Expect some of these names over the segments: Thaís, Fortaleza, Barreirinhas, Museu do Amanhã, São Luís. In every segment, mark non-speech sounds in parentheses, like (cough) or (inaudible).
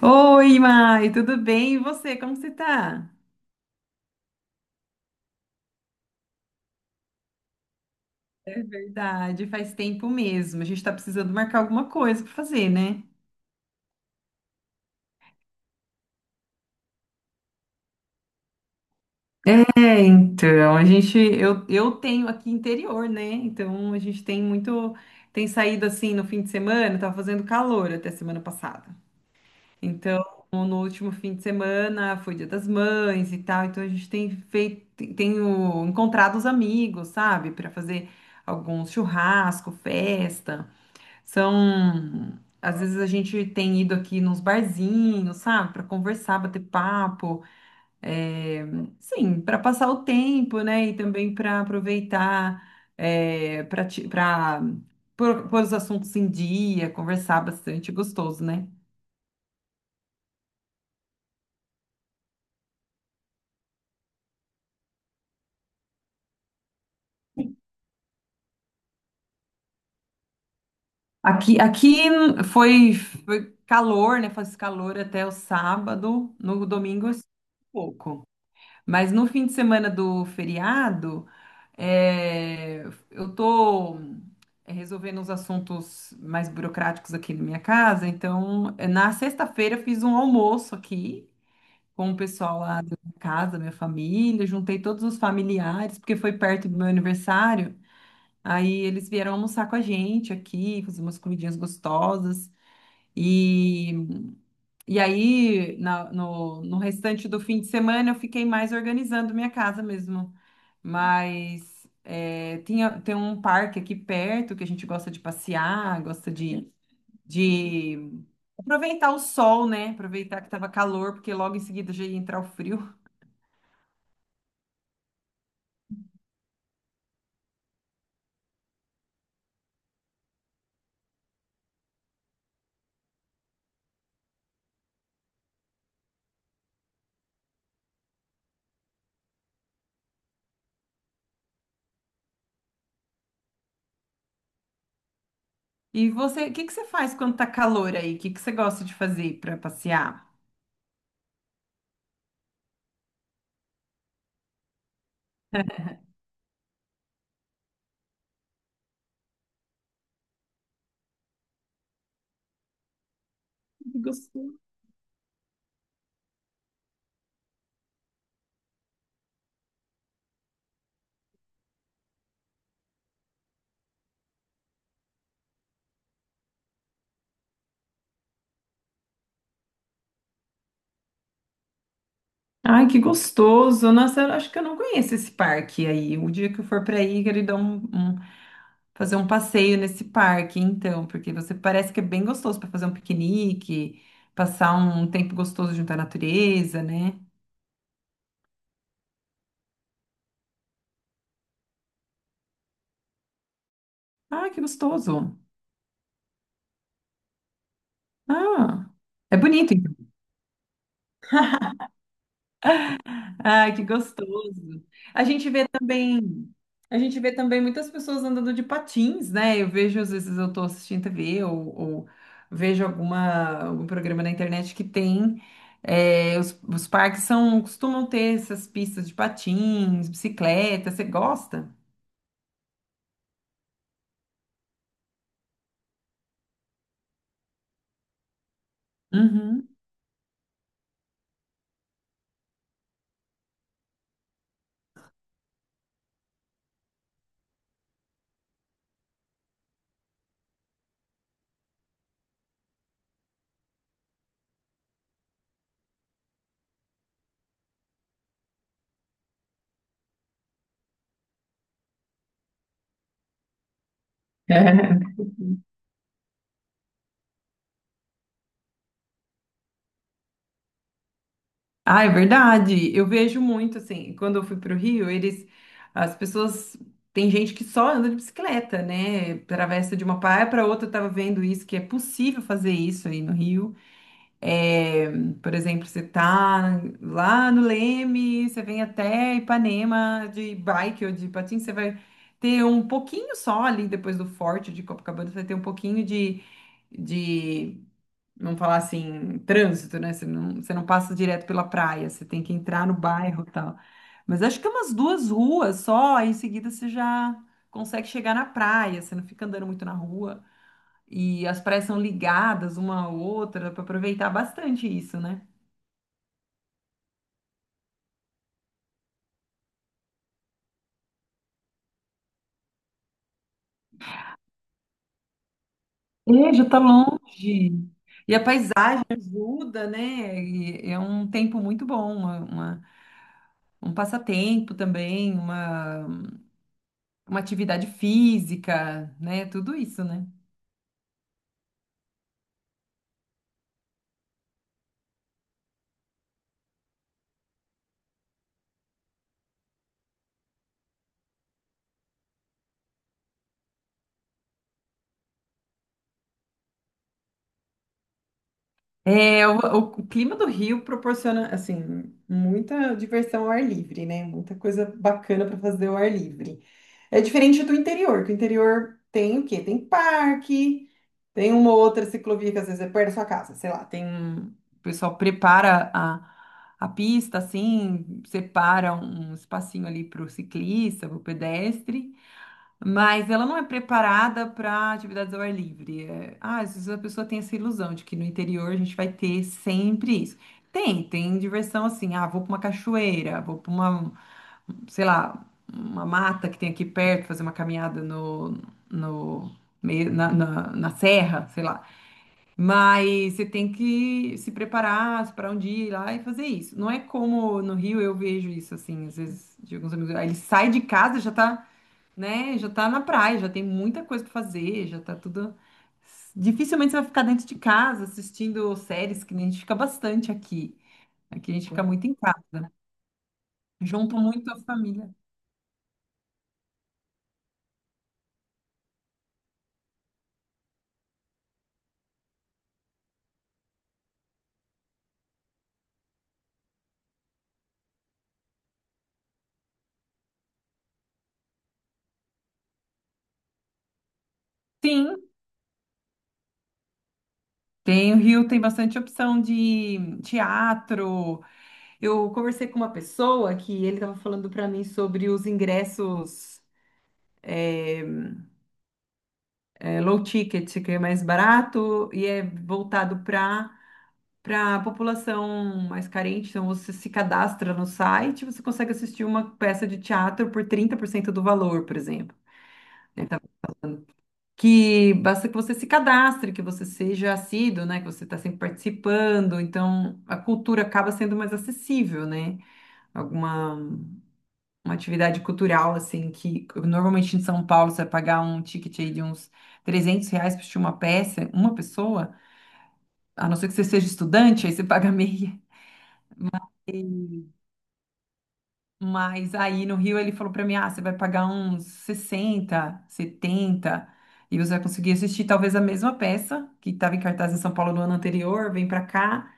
Oi, Mai, tudo bem? E você, como você tá? É verdade, faz tempo mesmo. A gente tá precisando marcar alguma coisa pra fazer, né? A gente, eu tenho aqui interior, né? Então a gente tem muito, tem saído assim no fim de semana, tava fazendo calor até semana passada. Então, no último fim de semana foi Dia das Mães e tal, então a gente tem feito, tenho encontrado os amigos, sabe, pra fazer alguns churrasco, festa. São. Às vezes a gente tem ido aqui nos barzinhos, sabe, para conversar, bater papo, é, sim, para passar o tempo, né, e também para aproveitar, para pôr os assuntos em dia, conversar bastante, é gostoso, né? Aqui foi calor, né? Faz calor até o sábado, no domingo eu um pouco. Mas no fim de semana do feriado, é, eu tô resolvendo uns assuntos mais burocráticos aqui na minha casa. Então, na sexta-feira eu fiz um almoço aqui com o pessoal lá da minha casa, minha família, juntei todos os familiares, porque foi perto do meu aniversário. Aí eles vieram almoçar com a gente aqui, fazer umas comidinhas gostosas. E e aí, no restante do fim de semana, eu fiquei mais organizando minha casa mesmo. Mas é, tinha, tem um parque aqui perto que a gente gosta de passear, gosta de aproveitar o sol, né? Aproveitar que tava calor, porque logo em seguida já ia entrar o frio. E você, o que que você faz quando tá calor aí? O que que você gosta de fazer para passear? Que gostoso. Ai, que gostoso! Nossa, eu acho que eu não conheço esse parque aí. O dia que eu for para aí, quero dar um, um fazer um passeio nesse parque, então, porque você parece que é bem gostoso para fazer um piquenique, passar um tempo gostoso junto à natureza, né? Ah, que gostoso! Ah, é bonito. Ai, que gostoso. A gente vê também, a gente vê também muitas pessoas andando de patins, né? Eu vejo, às vezes eu tô assistindo TV ou vejo algum programa na internet que tem. É, os parques são, costumam ter essas pistas de patins, bicicleta. Você gosta? Uhum. (laughs) Ah, é verdade. Eu vejo muito assim, quando eu fui para o Rio, eles, as pessoas, tem gente que só anda de bicicleta, né? Atravessa de uma praia para outra. Eu tava vendo isso que é possível fazer isso aí no Rio. É, por exemplo, você tá lá no Leme, você vem até Ipanema de bike ou de patins, você vai ter um pouquinho só ali depois do Forte de Copacabana, você vai ter um pouquinho de vamos falar assim, trânsito, né? Você não passa direto pela praia, você tem que entrar no bairro e tal. Mas acho que é umas duas ruas só, aí em seguida você já consegue chegar na praia, você não fica andando muito na rua. E as praias são ligadas uma à outra, para aproveitar bastante isso, né? É, já tá longe. E a paisagem ajuda, né? E é um tempo muito bom, um passatempo também, uma atividade física, né? Tudo isso, né? É, o clima do Rio proporciona, assim, muita diversão ao ar livre, né? Muita coisa bacana para fazer ao ar livre. É diferente do interior, que o interior tem o quê? Tem parque, tem uma ou outra ciclovia que às vezes é perto da sua casa, sei lá, tem um... O pessoal prepara a pista, assim, separa um espacinho ali para o ciclista, para o pedestre, mas ela não é preparada para atividades ao ar livre. É, ah, às vezes a pessoa tem essa ilusão de que no interior a gente vai ter sempre isso. Tem, tem diversão assim. Ah, vou para uma cachoeira, vou para uma, sei lá, uma mata que tem aqui perto, fazer uma caminhada no, no meio, na serra, sei lá. Mas você tem que se preparar, separar um dia ir lá e fazer isso. Não é como no Rio eu vejo isso assim, às vezes de alguns amigos. Aí ele sai de casa já tá né? Já tá na praia, já tem muita coisa pra fazer, já tá tudo. Dificilmente você vai ficar dentro de casa assistindo séries, que nem a gente fica bastante aqui. Aqui a gente fica muito em casa, junto muito a família. Sim, tem o Rio, tem bastante opção de teatro. Eu conversei com uma pessoa que ele estava falando para mim sobre os ingressos é, low ticket, que é mais barato e é voltado para para a população mais carente, então você se cadastra no site, você consegue assistir uma peça de teatro por 30% do valor, por exemplo. Né? Então, que basta que você se cadastre, que você seja assíduo, né? Que você está sempre participando. Então, a cultura acaba sendo mais acessível, né? Alguma Uma atividade cultural, assim, que normalmente em São Paulo você vai pagar um ticket aí de uns 300 reais para assistir uma peça, uma pessoa, a não ser que você seja estudante, aí você paga meia. Mas aí no Rio ele falou pra mim: ah, você vai pagar uns 60 70 e você vai conseguir assistir talvez a mesma peça que estava em cartaz em São Paulo no ano anterior, vem pra cá,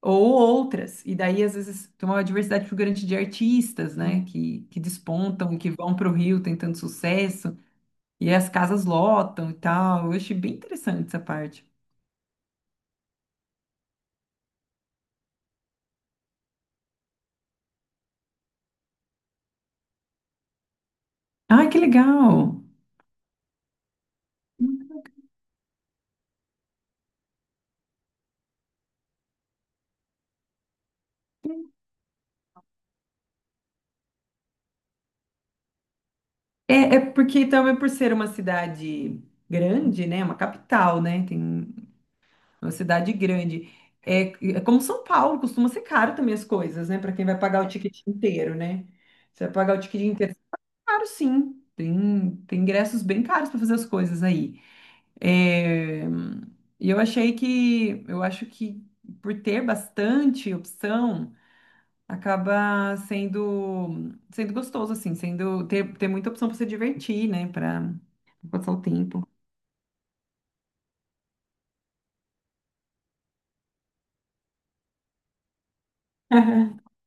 ou outras. E daí às vezes tem uma diversidade muito grande de artistas, né, que despontam e que vão pro Rio tentando sucesso, e aí as casas lotam e tal. Eu achei bem interessante essa parte. Ai, que legal! É, é porque também por ser uma cidade grande, né? Uma capital, né? Tem uma cidade grande. É, é como São Paulo, costuma ser caro também as coisas, né? Para quem vai pagar o ticket inteiro, né? Você vai pagar o ticket inteiro, é caro sim. Tem, tem ingressos bem caros para fazer as coisas aí. É, e eu achei que, eu acho que por ter bastante opção, acaba sendo gostoso, assim, sendo ter, ter muita opção para se divertir, né? Para passar o tempo. (laughs)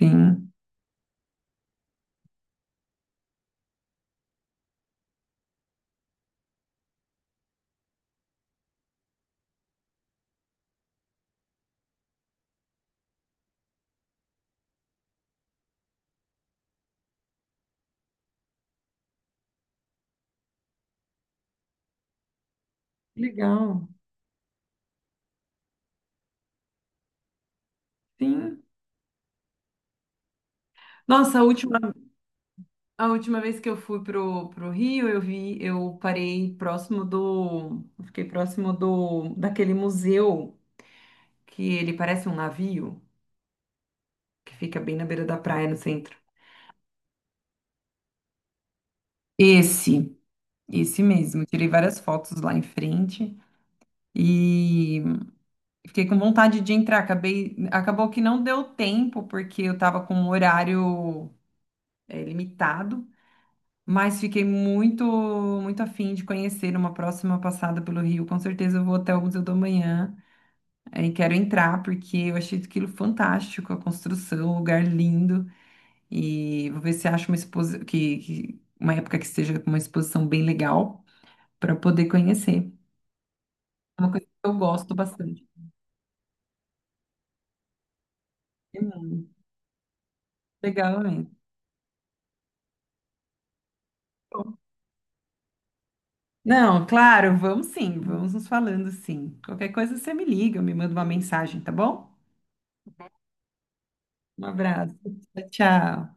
Sim. Legal. Sim. Nossa, a última A última vez que eu fui pro Rio, eu vi, eu parei próximo do, eu fiquei próximo do, daquele museu que ele parece um navio, que fica bem na beira da praia, no centro. Esse, esse mesmo. Tirei várias fotos lá em frente e fiquei com vontade de entrar. Acabou que não deu tempo porque eu tava com um horário limitado, mas fiquei muito, muito afim de conhecer uma próxima passada pelo Rio. Com certeza eu vou até o Museu do Amanhã. Aí quero entrar porque eu achei aquilo fantástico, a construção, o lugar lindo. E vou ver se acho uma uma época que esteja com uma exposição bem legal para poder conhecer. É uma coisa que eu gosto bastante. É muito legal mesmo. Bom, não, claro, vamos sim, vamos nos falando sim. Qualquer coisa você me liga, me manda uma mensagem, tá bom? Um abraço. Tchau.